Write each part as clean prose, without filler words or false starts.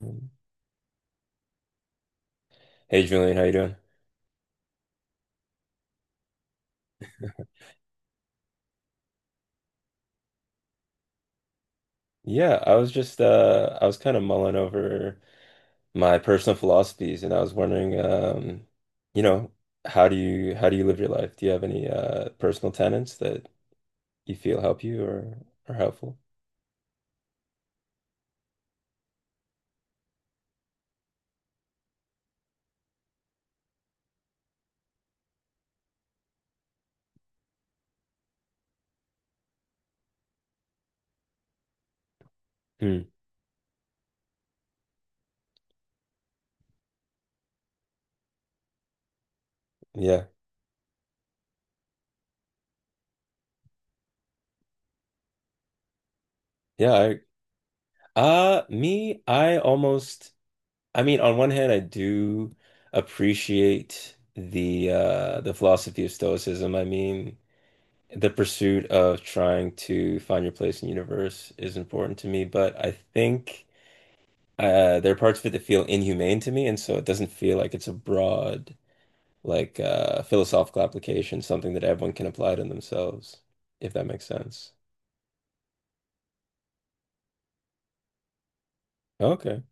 Um, Hey Julian, how you doing? Yeah, I was just I was kind of mulling over my personal philosophies, and I was wondering, you know, how do you live your life? Do you have any personal tenets that you feel help you or are helpful? Hmm. Yeah. Yeah, I me, I almost, I mean, on one hand I do appreciate the philosophy of Stoicism. I mean, the pursuit of trying to find your place in the universe is important to me, but I think there are parts of it that feel inhumane to me, and so it doesn't feel like it's a broad, like philosophical application, something that everyone can apply to themselves, if that makes sense. Okay.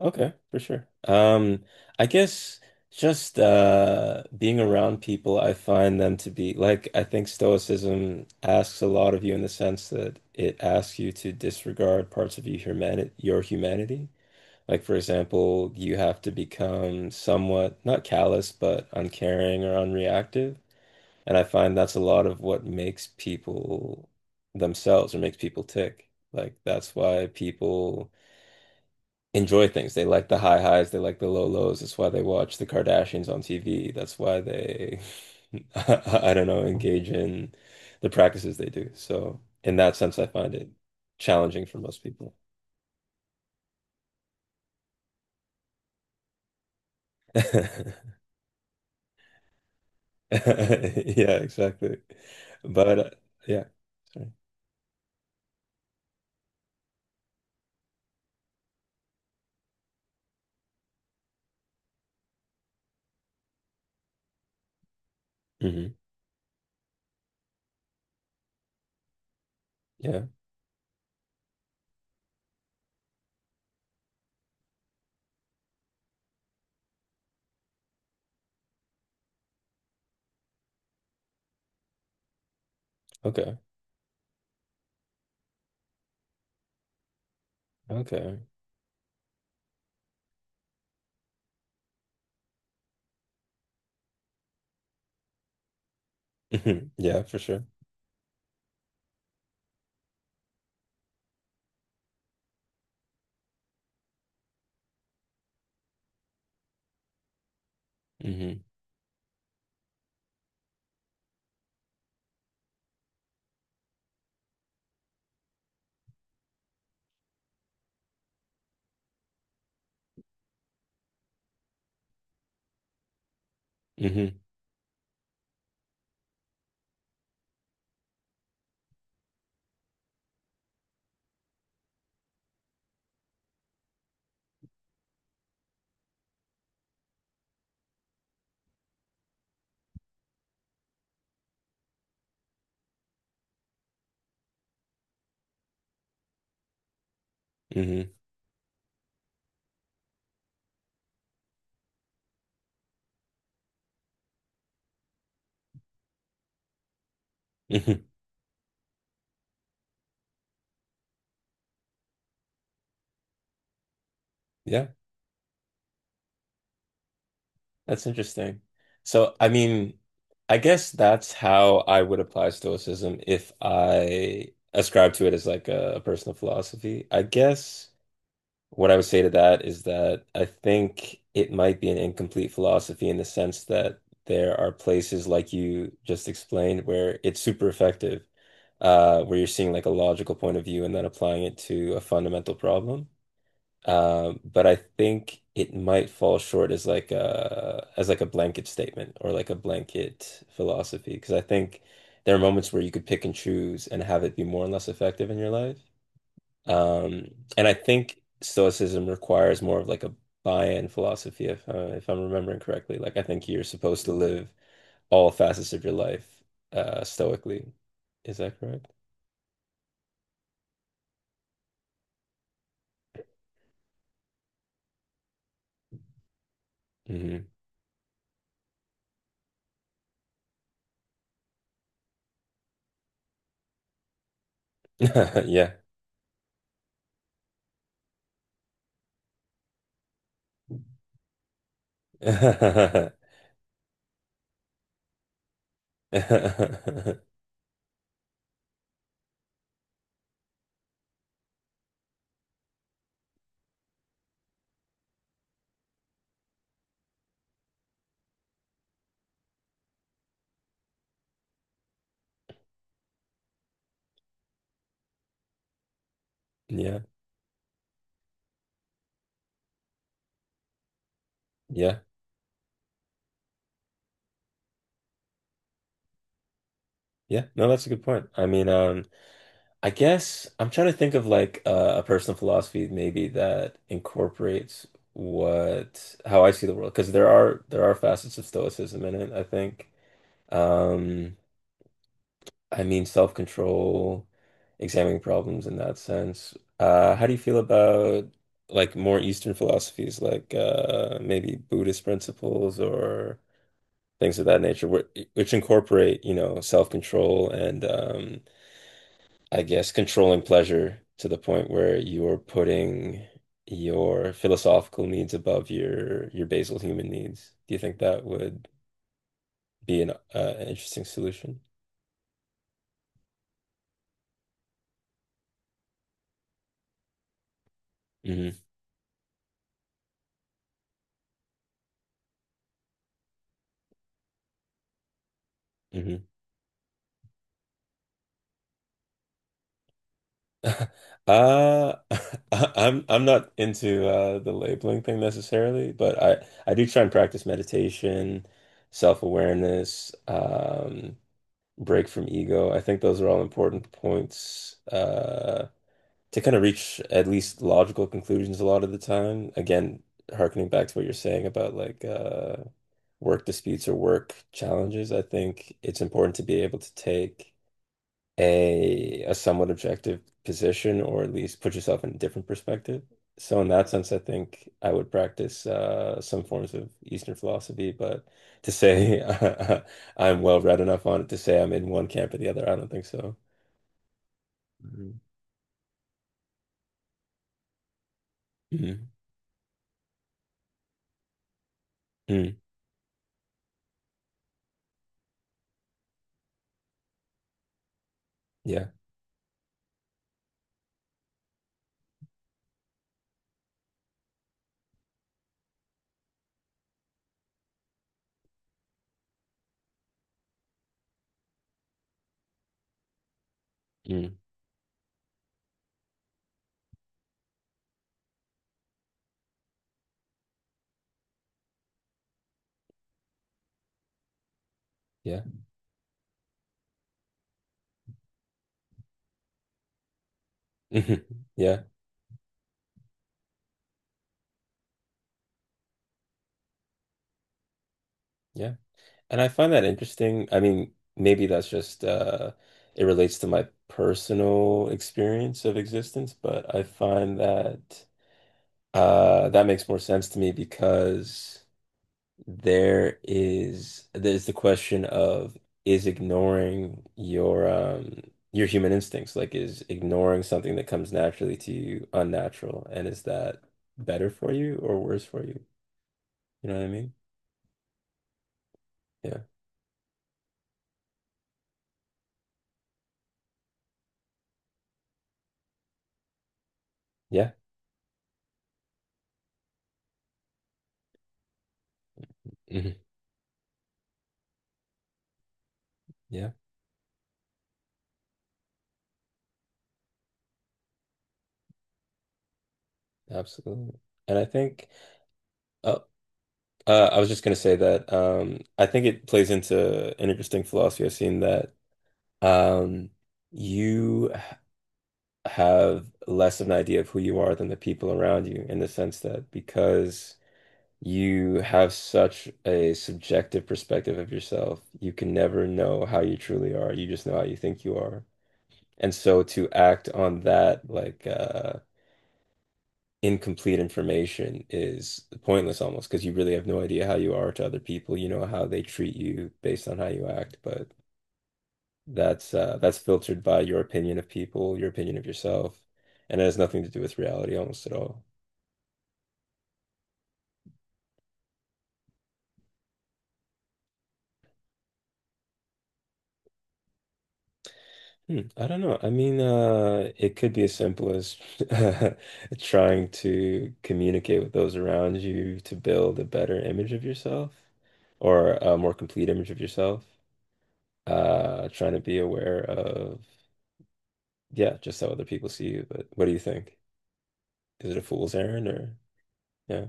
Okay, for sure. I guess just being around people, I find them to be like, I think Stoicism asks a lot of you in the sense that it asks you to disregard parts of your humanity, your humanity. Like for example, you have to become somewhat not callous, but uncaring or unreactive. And I find that's a lot of what makes people themselves or makes people tick. Like that's why people enjoy things. They like the high highs, they like the low lows. That's why they watch the Kardashians on TV. That's why they, I don't know, engage in the practices they do. So, in that sense, I find it challenging for most people. Yeah, exactly. But yeah, sorry. Hmm. Yeah. Okay. Okay. Hmm. Yeah, for sure. Hmm. Hmm. Hmm. Hmm. Yeah. That's interesting. So, I mean, I guess that's how I would apply Stoicism if I ascribe to it as like a personal philosophy. I guess what I would say to that is that I think it might be an incomplete philosophy in the sense that there are places, like you just explained, where it's super effective, where you're seeing like a logical point of view and then applying it to a fundamental problem. But I think it might fall short as like a blanket statement or like a blanket philosophy, because I think there are moments where you could pick and choose and have it be more and less effective in your life. Um, and I think Stoicism requires more of like a buy-in philosophy if I'm remembering correctly. Like I think you're supposed to live all facets of your life stoically. Is that correct? Hmm. Yeah. Yeah. Yeah. Yeah, no, that's a good point. I mean, I guess I'm trying to think of like a personal philosophy maybe that incorporates what how I see the world, because there are facets of stoicism in it, I think. Um, I mean, self-control, examining problems in that sense. How do you feel about like more Eastern philosophies like maybe Buddhist principles or things of that nature, which incorporate, you know, self-control and I guess, controlling pleasure to the point where you're putting your philosophical needs above your basal human needs. Do you think that would be an interesting solution? Hmm. Hmm. Uh, I'm not into the labeling thing necessarily, but I do try and practice meditation, self-awareness, break from ego. I think those are all important points. To kind of reach at least logical conclusions a lot of the time. Again, harkening back to what you're saying about like work disputes or work challenges, I think it's important to be able to take a somewhat objective position, or at least put yourself in a different perspective. So in that sense, I think I would practice some forms of Eastern philosophy, but to say I'm well read enough on it to say I'm in one camp or the other, I don't think so. Mhm. Mhm. Mm. Yeah. Mm. Yeah. Mhm. Yeah, yeah. And I find that interesting. I mean, maybe that's just it relates to my personal experience of existence, but I find that that makes more sense to me because there is there's the question of is ignoring your human instincts, like is ignoring something that comes naturally to you unnatural, and is that better for you or worse for you? You know what I mean? Yeah. Yeah. Mhm. Yeah. Absolutely. And I think uh, I was just going to say that I think it plays into an interesting philosophy I've seen that um, you h- have less of an idea of who you are than the people around you, in the sense that because you have such a subjective perspective of yourself, you can never know how you truly are. You just know how you think you are. And so to act on that, like, incomplete information is pointless almost, because you really have no idea how you are to other people. You know how they treat you based on how you act, but that's filtered by your opinion of people, your opinion of yourself, and it has nothing to do with reality almost at all. Hmm, I don't know. I mean, it could be as simple as trying to communicate with those around you to build a better image of yourself or a more complete image of yourself. Trying to be aware of— Yeah, just so other people see you. But what do you think? Is it a fool's errand or yeah?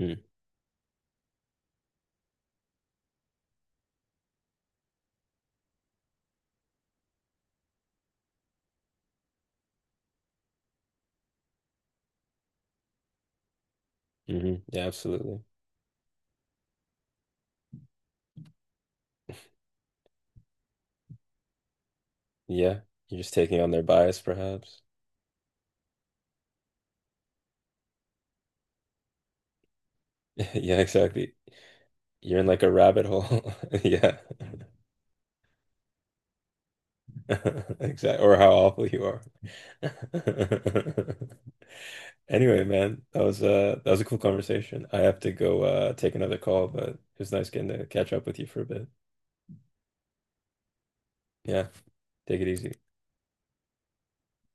Mm, hmm. Yeah, absolutely. Yeah, you're just taking on their bias, perhaps. Yeah, exactly. You're in like a rabbit hole. Yeah, exactly. Or how awful you are. Anyway, man, that was a cool conversation. I have to go take another call, but it was nice getting to catch up with you for a bit. Yeah, take it easy.